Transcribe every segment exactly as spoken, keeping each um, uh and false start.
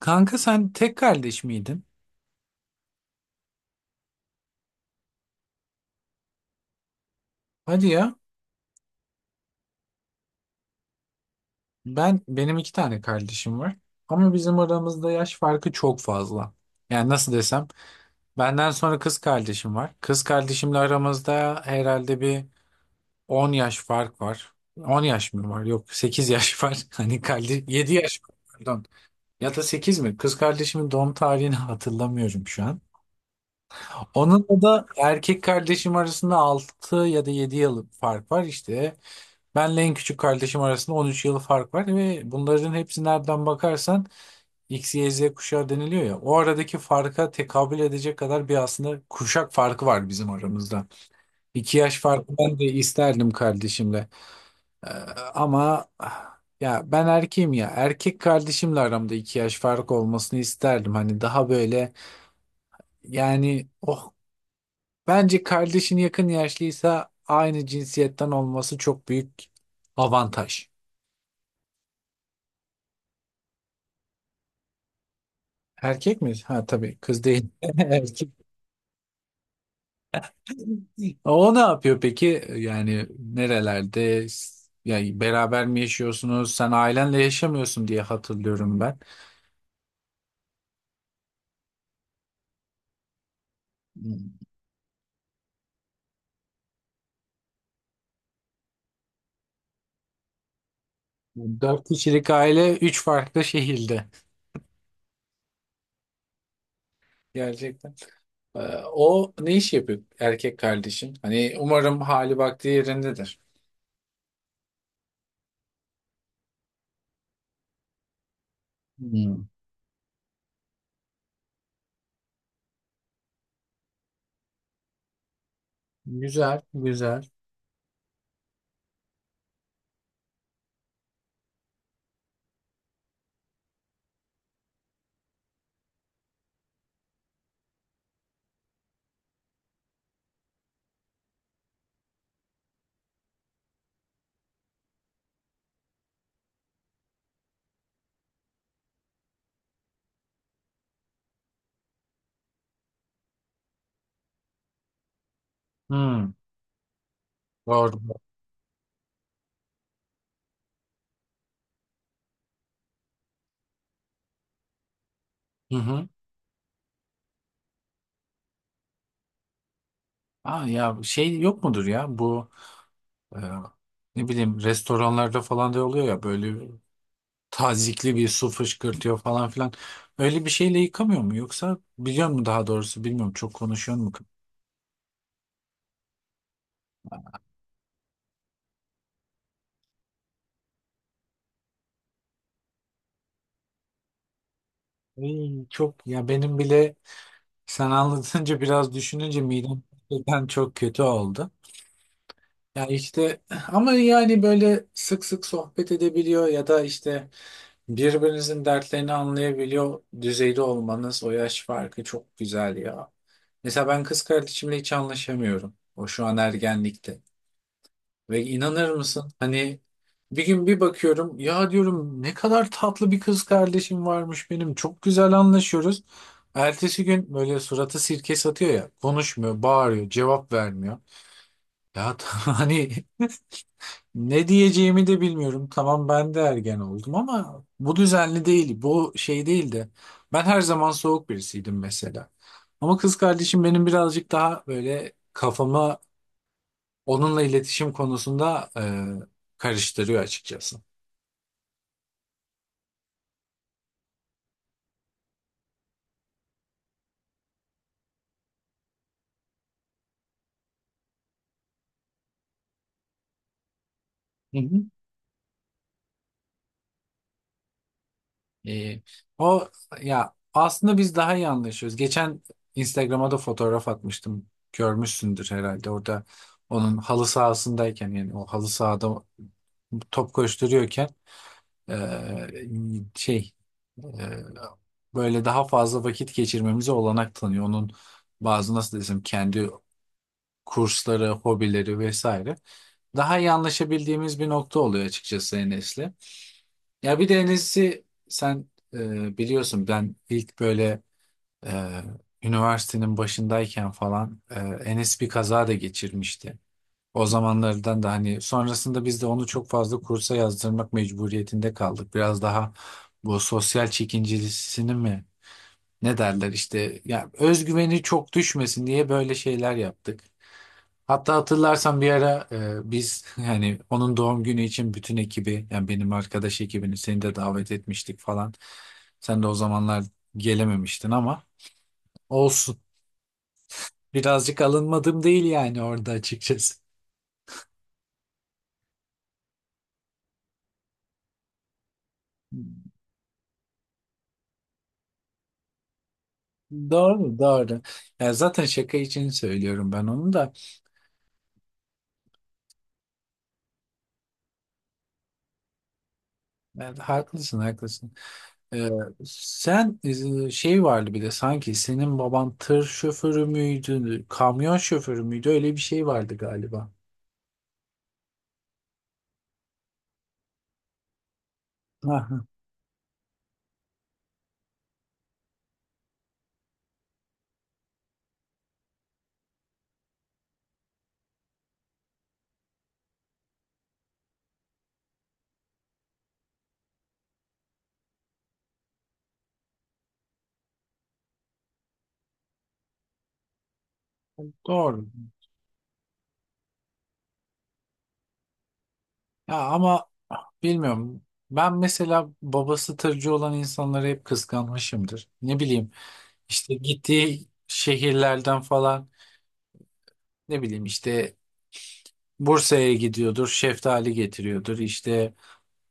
Kanka sen tek kardeş miydin? Hadi ya. Ben benim iki tane kardeşim var. Ama bizim aramızda yaş farkı çok fazla. Yani nasıl desem, benden sonra kız kardeşim var. Kız kardeşimle aramızda herhalde bir on yaş fark var. On yaş mı var? Yok, sekiz yaş var. Hani kardeş yedi yaş var, pardon. Ya da sekiz mi? Kız kardeşimin doğum tarihini hatırlamıyorum şu an. Onunla da erkek kardeşim arasında altı ya da yedi yıl fark var işte. Benle en küçük kardeşim arasında on üç yıl fark var ve bunların hepsi nereden bakarsan X, Y, Z kuşağı deniliyor ya. O aradaki farka tekabül edecek kadar bir aslında kuşak farkı var bizim aramızda. İki yaş farkı ben de isterdim kardeşimle. Ee, ama ah, ya ben erkeğim ya. Erkek kardeşimle aramda iki yaş fark olmasını isterdim. Hani daha böyle yani oh bence kardeşin yakın yaşlıysa aynı cinsiyetten olması çok büyük avantaj. Erkek mi? Ha, tabii kız değil. Erkek. O ne yapıyor peki? Yani nerelerde? Yani beraber mi yaşıyorsunuz? Sen ailenle yaşamıyorsun diye hatırlıyorum ben. Dört kişilik aile üç farklı şehirde. Gerçekten. Ee, O ne iş yapıyor erkek kardeşin? Hani umarım hali vakti yerindedir. Hmm. Güzel, güzel. Hmm. Doğru. Hı hı. Aa, ya şey yok mudur ya bu? Ee, ne bileyim restoranlarda falan da oluyor ya, böyle tazikli bir su fışkırtıyor falan filan. Öyle bir şeyle yıkamıyor mu yoksa biliyor mu, daha doğrusu bilmiyorum, çok konuşuyor mu? Ay, çok ya, benim bile sen anlatınca biraz düşününce midem gerçekten çok kötü oldu. Ya işte, ama yani böyle sık sık sohbet edebiliyor ya da işte birbirinizin dertlerini anlayabiliyor düzeyde olmanız, o yaş farkı çok güzel ya. Mesela ben kız kardeşimle hiç anlaşamıyorum. O şu an ergenlikte. Ve inanır mısın, hani bir gün bir bakıyorum ya, diyorum ne kadar tatlı bir kız kardeşim varmış benim. Çok güzel anlaşıyoruz. Ertesi gün böyle suratı sirke satıyor ya, konuşmuyor, bağırıyor, cevap vermiyor. Ya, hani ne diyeceğimi de bilmiyorum. Tamam, ben de ergen oldum ama bu düzenli değil. Bu şey değildi. Ben her zaman soğuk birisiydim mesela. Ama kız kardeşim benim birazcık daha böyle kafamı onunla iletişim konusunda e, karıştırıyor açıkçası. Hı hı. E, o ya aslında biz daha iyi anlaşıyoruz. Geçen Instagram'a da fotoğraf atmıştım. Görmüşsündür herhalde. Orada onun halı sahasındayken, yani o halı sahada top koşturuyorken Ee, şey e, böyle daha fazla vakit geçirmemize olanak tanıyor. Onun bazı, nasıl desem, kendi kursları, hobileri vesaire. Daha iyi anlaşabildiğimiz bir nokta oluyor açıkçası Enes'le. Ya bir de Enes'i sen e, biliyorsun, ben ilk böyle e, üniversitenin başındayken falan, e, Enes bir kaza da geçirmişti. O zamanlardan da hani sonrasında biz de onu çok fazla kursa yazdırmak mecburiyetinde kaldık. Biraz daha bu sosyal çekincisini mi, ne derler işte, ya özgüveni çok düşmesin diye böyle şeyler yaptık. Hatta hatırlarsan bir ara e, biz hani onun doğum günü için bütün ekibi, yani benim arkadaş ekibini, seni de davet etmiştik falan. Sen de o zamanlar gelememiştin ama olsun. Birazcık alınmadım değil yani orada, açıkçası. Doğru, doğru. Ya zaten şaka için söylüyorum ben onu da. Ya haklısın, haklısın. Ee, sen e, şey vardı, bir de sanki senin baban tır şoförü müydü, kamyon şoförü müydü? Öyle bir şey vardı galiba. Aha, doğru. Ya ama bilmiyorum. Ben mesela babası tırcı olan insanları hep kıskanmışımdır. Ne bileyim, işte gittiği şehirlerden falan, ne bileyim işte Bursa'ya gidiyordur, şeftali getiriyordur, işte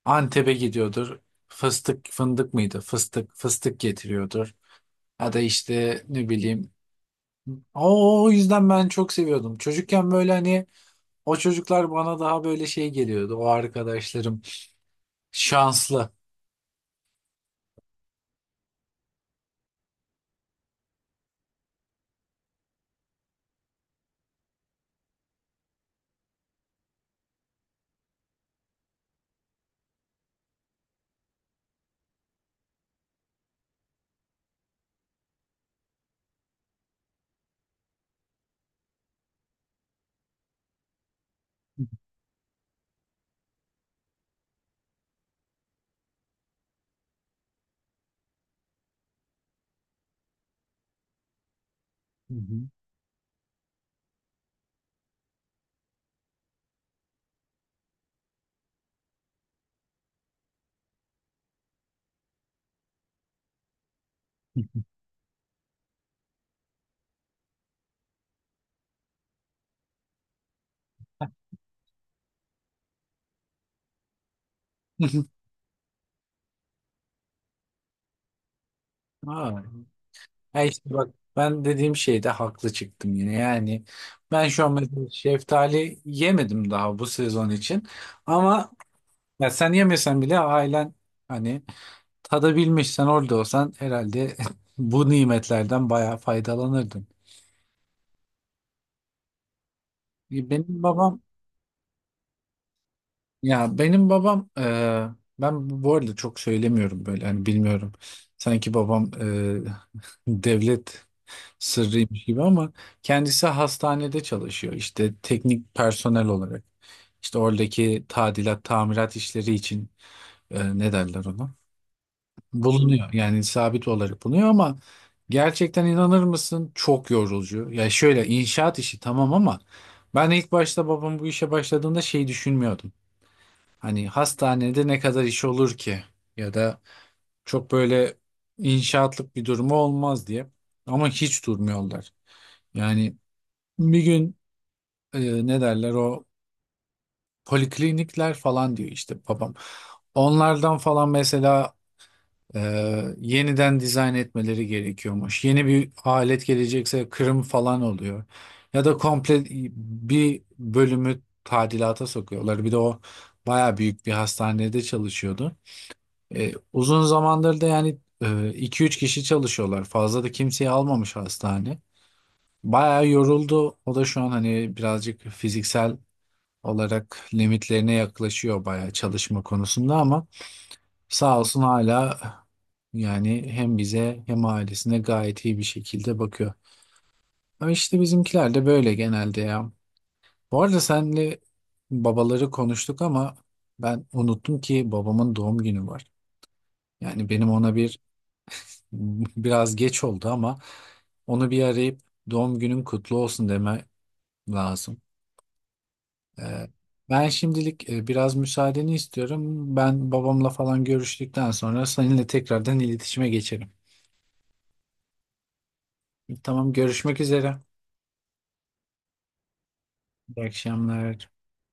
Antep'e gidiyordur. Fıstık fındık mıydı? Fıstık, fıstık getiriyordur. Ya da işte, ne bileyim. O, o yüzden ben çok seviyordum. Çocukken böyle hani o çocuklar bana daha böyle şey geliyordu. O arkadaşlarım şanslı. Hı hı. Ha. Ya işte bak, ben dediğim şeyde haklı çıktım yine. Yani ben şu an mesela şeftali yemedim daha bu sezon için. Ama ya sen yemesen bile ailen, hani tadabilmiş, sen orada olsan herhalde bu nimetlerden bayağı faydalanırdın. E, Benim babam, ya benim babam eee, ben bu bu arada çok söylemiyorum böyle, hani bilmiyorum. Sanki babam eee, devlet sırrıymış gibi, ama kendisi hastanede çalışıyor işte, teknik personel olarak. İşte oradaki tadilat, tamirat işleri için, e, ne derler ona, bulunuyor. Yani sabit olarak bulunuyor ama gerçekten inanır mısın, çok yorucu. Ya şöyle, inşaat işi tamam ama ben ilk başta babam bu işe başladığında şey düşünmüyordum. Hani hastanede ne kadar iş olur ki, ya da çok böyle inşaatlık bir durumu olmaz diye. Ama hiç durmuyorlar. Yani bir gün e, ne derler, o poliklinikler falan diyor işte babam. Onlardan falan mesela Ee, yeniden dizayn etmeleri gerekiyormuş. Yeni bir alet gelecekse kırım falan oluyor. Ya da komple bir bölümü tadilata sokuyorlar. Bir de o baya büyük bir hastanede çalışıyordu. Ee, uzun zamandır da yani e, iki üç kişi çalışıyorlar. Fazla da kimseyi almamış hastane. Baya yoruldu. O da şu an hani birazcık fiziksel olarak limitlerine yaklaşıyor baya, çalışma konusunda. Ama sağ olsun hala yani hem bize hem ailesine gayet iyi bir şekilde bakıyor. Ama işte bizimkiler de böyle genelde ya. Bu arada senle babaları konuştuk ama ben unuttum ki, babamın doğum günü var. Yani benim ona bir biraz geç oldu ama onu bir arayıp doğum günün kutlu olsun deme lazım. Ee, ben şimdilik e, biraz müsaadeni istiyorum. Ben babamla falan görüştükten sonra seninle tekrardan iletişime geçerim. Tamam, görüşmek üzere. İyi akşamlar.